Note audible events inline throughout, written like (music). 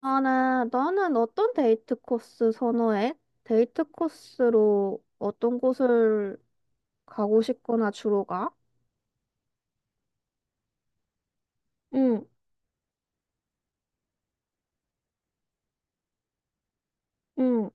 나는 어떤 데이트 코스 선호해? 데이트 코스로 어떤 곳을 가고 싶거나 주로 가? 응, 응,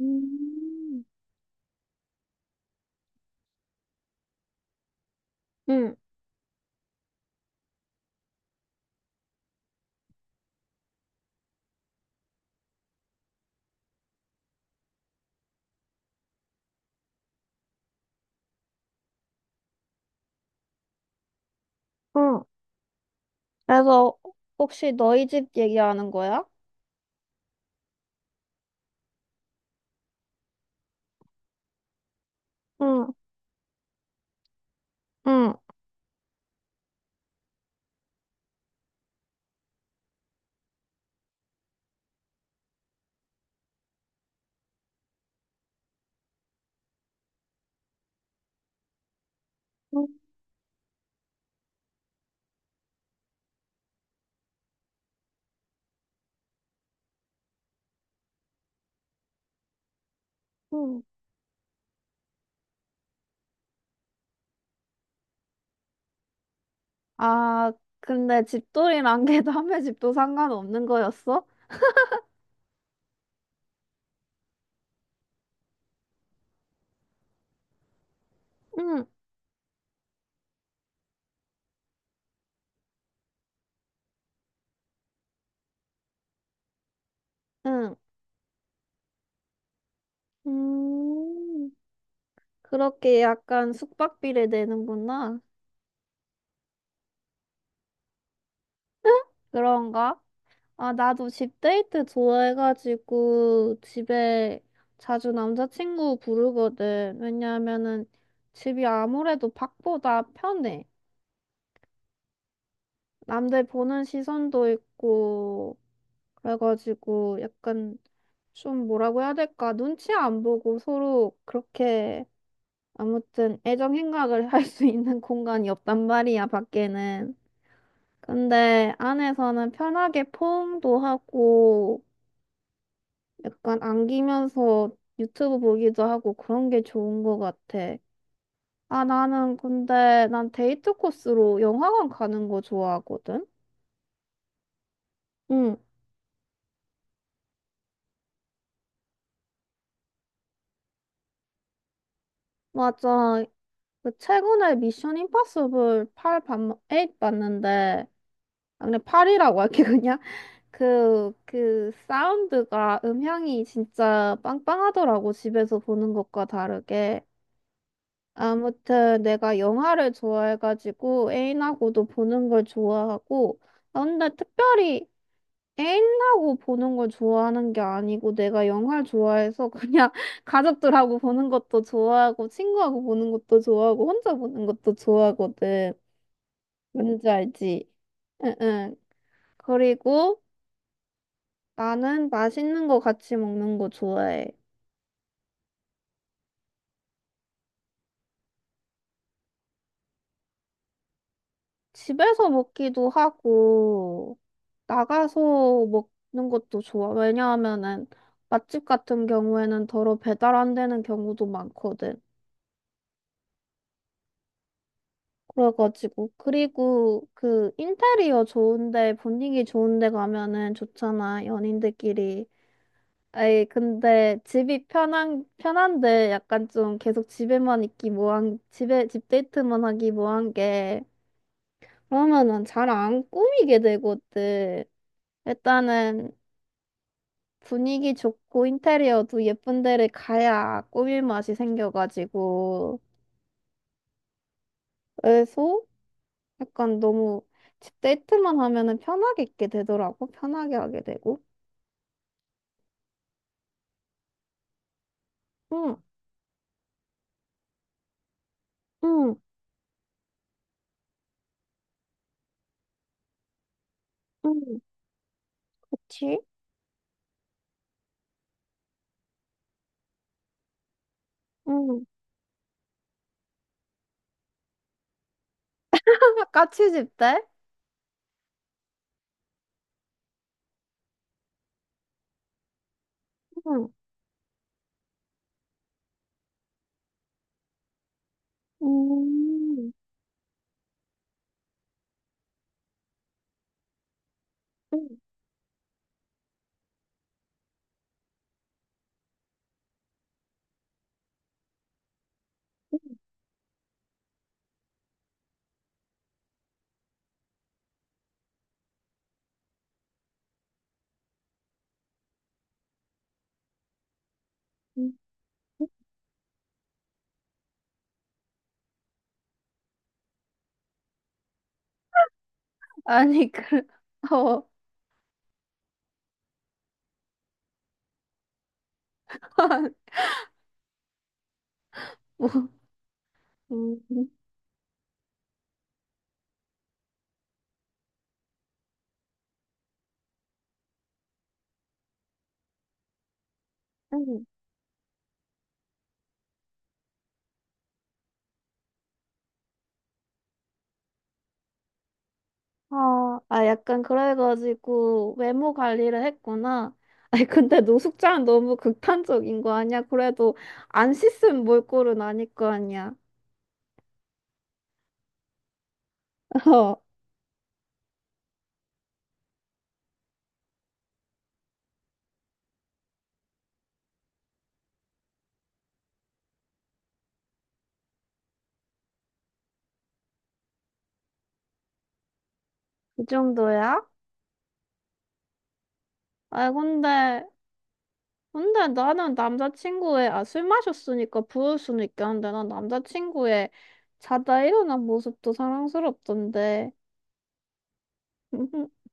음. 응, 응. 그래서 혹시 너희 집 얘기하는 거야? 응, 응. 응. 응. 아, 근데 집돌이란 게 (laughs) 남의 집도 상관없는 거였어? 응. 응. 음, 그렇게 약간 숙박비를 내는구나. 그런가? 아, 나도 집 데이트 좋아해가지고 집에 자주 남자친구 부르거든. 왜냐하면은 집이 아무래도 밖보다 편해. 남들 보는 시선도 있고, 그래가지고 약간 좀 뭐라고 해야 될까? 눈치 안 보고 서로 그렇게 아무튼 애정 행각을 (laughs) 할 수 있는 공간이 없단 말이야, 밖에는. 근데 안에서는 편하게 포옹도 하고, 약간 안기면서 유튜브 보기도 하고 그런 게 좋은 것 같아. 아, 나는 근데 난 데이트 코스로 영화관 가는 거 좋아하거든? 응, 맞아. 그 최근에 미션 임파서블 8 봤, 팔 봤는데, 아, 그냥 8이라고 할게, 그냥. (laughs) 그 사운드가, 음향이 진짜 빵빵하더라고, 집에서 보는 것과 다르게. 아무튼 내가 영화를 좋아해가지고 애인하고도 보는 걸 좋아하고 아, 근데 특별히 애인하고 보는 걸 좋아하는 게 아니고 내가 영화를 좋아해서 그냥 (laughs) 가족들하고 보는 것도 좋아하고 친구하고 보는 것도 좋아하고 혼자 보는 것도 좋아하거든. 뭔지 알지? 응응. 그리고 나는 맛있는 거 같이 먹는 거 좋아해. 집에서 먹기도 하고 나가서 먹는 것도 좋아. 왜냐하면은 맛집 같은 경우에는 더러 배달 안 되는 경우도 많거든. 그래가지고 그리고 그 인테리어 좋은데 분위기 좋은데 가면은 좋잖아 연인들끼리. 에이 근데 집이 편한데 약간 좀 계속 집에만 있기 뭐한 집에 집 데이트만 하기 뭐한 게 그러면은 잘 안 꾸미게 되거든. 일단은 분위기 좋고 인테리어도 예쁜 데를 가야 꾸밀 맛이 생겨가지고 그래서 약간 너무 집 데이트만 하면은 편하게 있게 되더라고 편하게 하게 되고 응, 응, 응, 그치? 응, (laughs) 같이 집 때? 응, 응, 응, 응, 응, 아니 그 (laughs) 어. (laughs) 응, 응. 아, 아, 약간 그래가지고 외모 관리를 했구나. (laughs) 아니, 근데 노숙자는 너무 극단적인 거 아니야? 그래도 안 씻은 몰골은 아닐 거 아니야. (laughs) 어, 그 정도야? 아, 근데, 근데 나는 남자친구의, 아, 술 마셨으니까 부을 수는 있겠는데, 난 남자친구의 자다 일어난 모습도 사랑스럽던데. (laughs)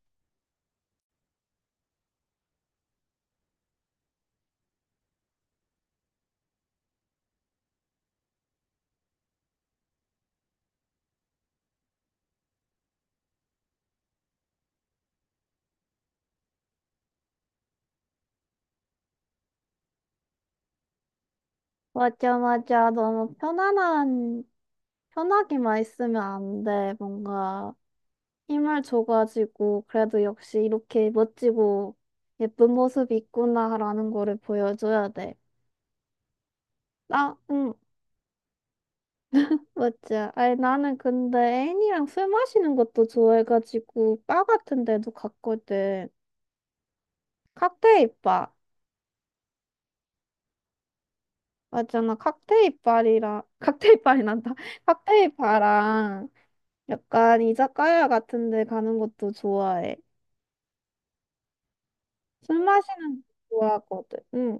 맞아, 맞아. 너무 편안한, 편하게만 있으면 안 돼, 뭔가. 힘을 줘가지고 그래도 역시 이렇게 멋지고 예쁜 모습이 있구나라는 거를 보여줘야 돼. 나, 응, 맞지. 아니, 나는 근데 애인이랑 술 마시는 것도 좋아해가지고 바 같은 데도 갔거든. 칵테일 바. 맞잖아. 칵테일 바리랑, (laughs) 칵테일 바리 난다. (laughs) 칵테일 바랑 약간 이자카야 같은 데 가는 것도 좋아해. 술 마시는 거 좋아하거든. 응.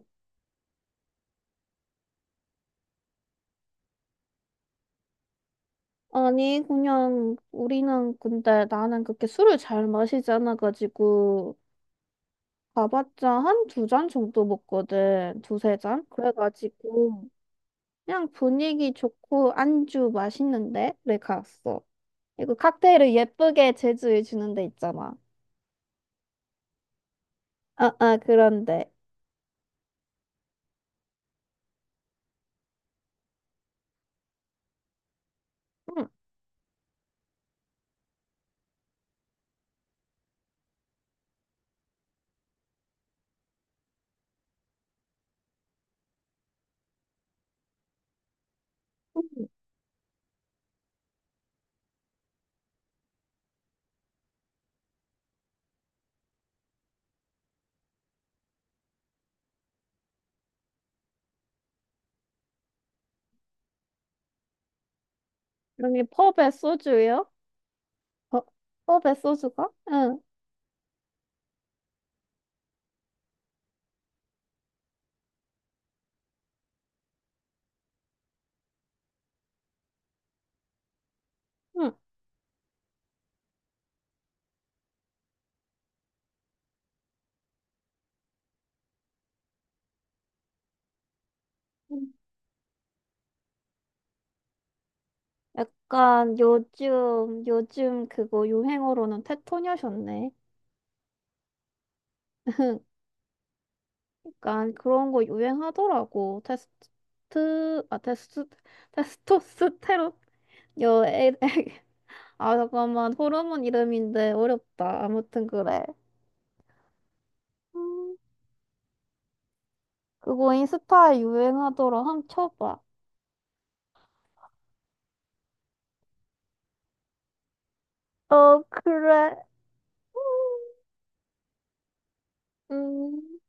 아니, 그냥 우리는 근데 나는 그렇게 술을 잘 마시지 않아가지고 가봤자 한 두 잔 정도 먹거든. 두세 잔? 그래가지고 그냥 분위기 좋고 안주 맛있는데? 를 갔어. 이거 칵테일을 예쁘게 제조해 주는 데 있잖아. 아, 아, 그런데. 응. 여기 펍에 소주요? 어, 펍에 소주가? 응. 응. 응. 약간 요즘 그거 유행어로는 테토녀셨네. 약간 그런 거 유행하더라고. 테스토스테론? 여, 에, (laughs) 아, 잠깐만. 호르몬 이름인데 어렵다. 아무튼 그래. 음, 그거 인스타에 유행하더라. 한번 쳐봐. 어, 그래. 음.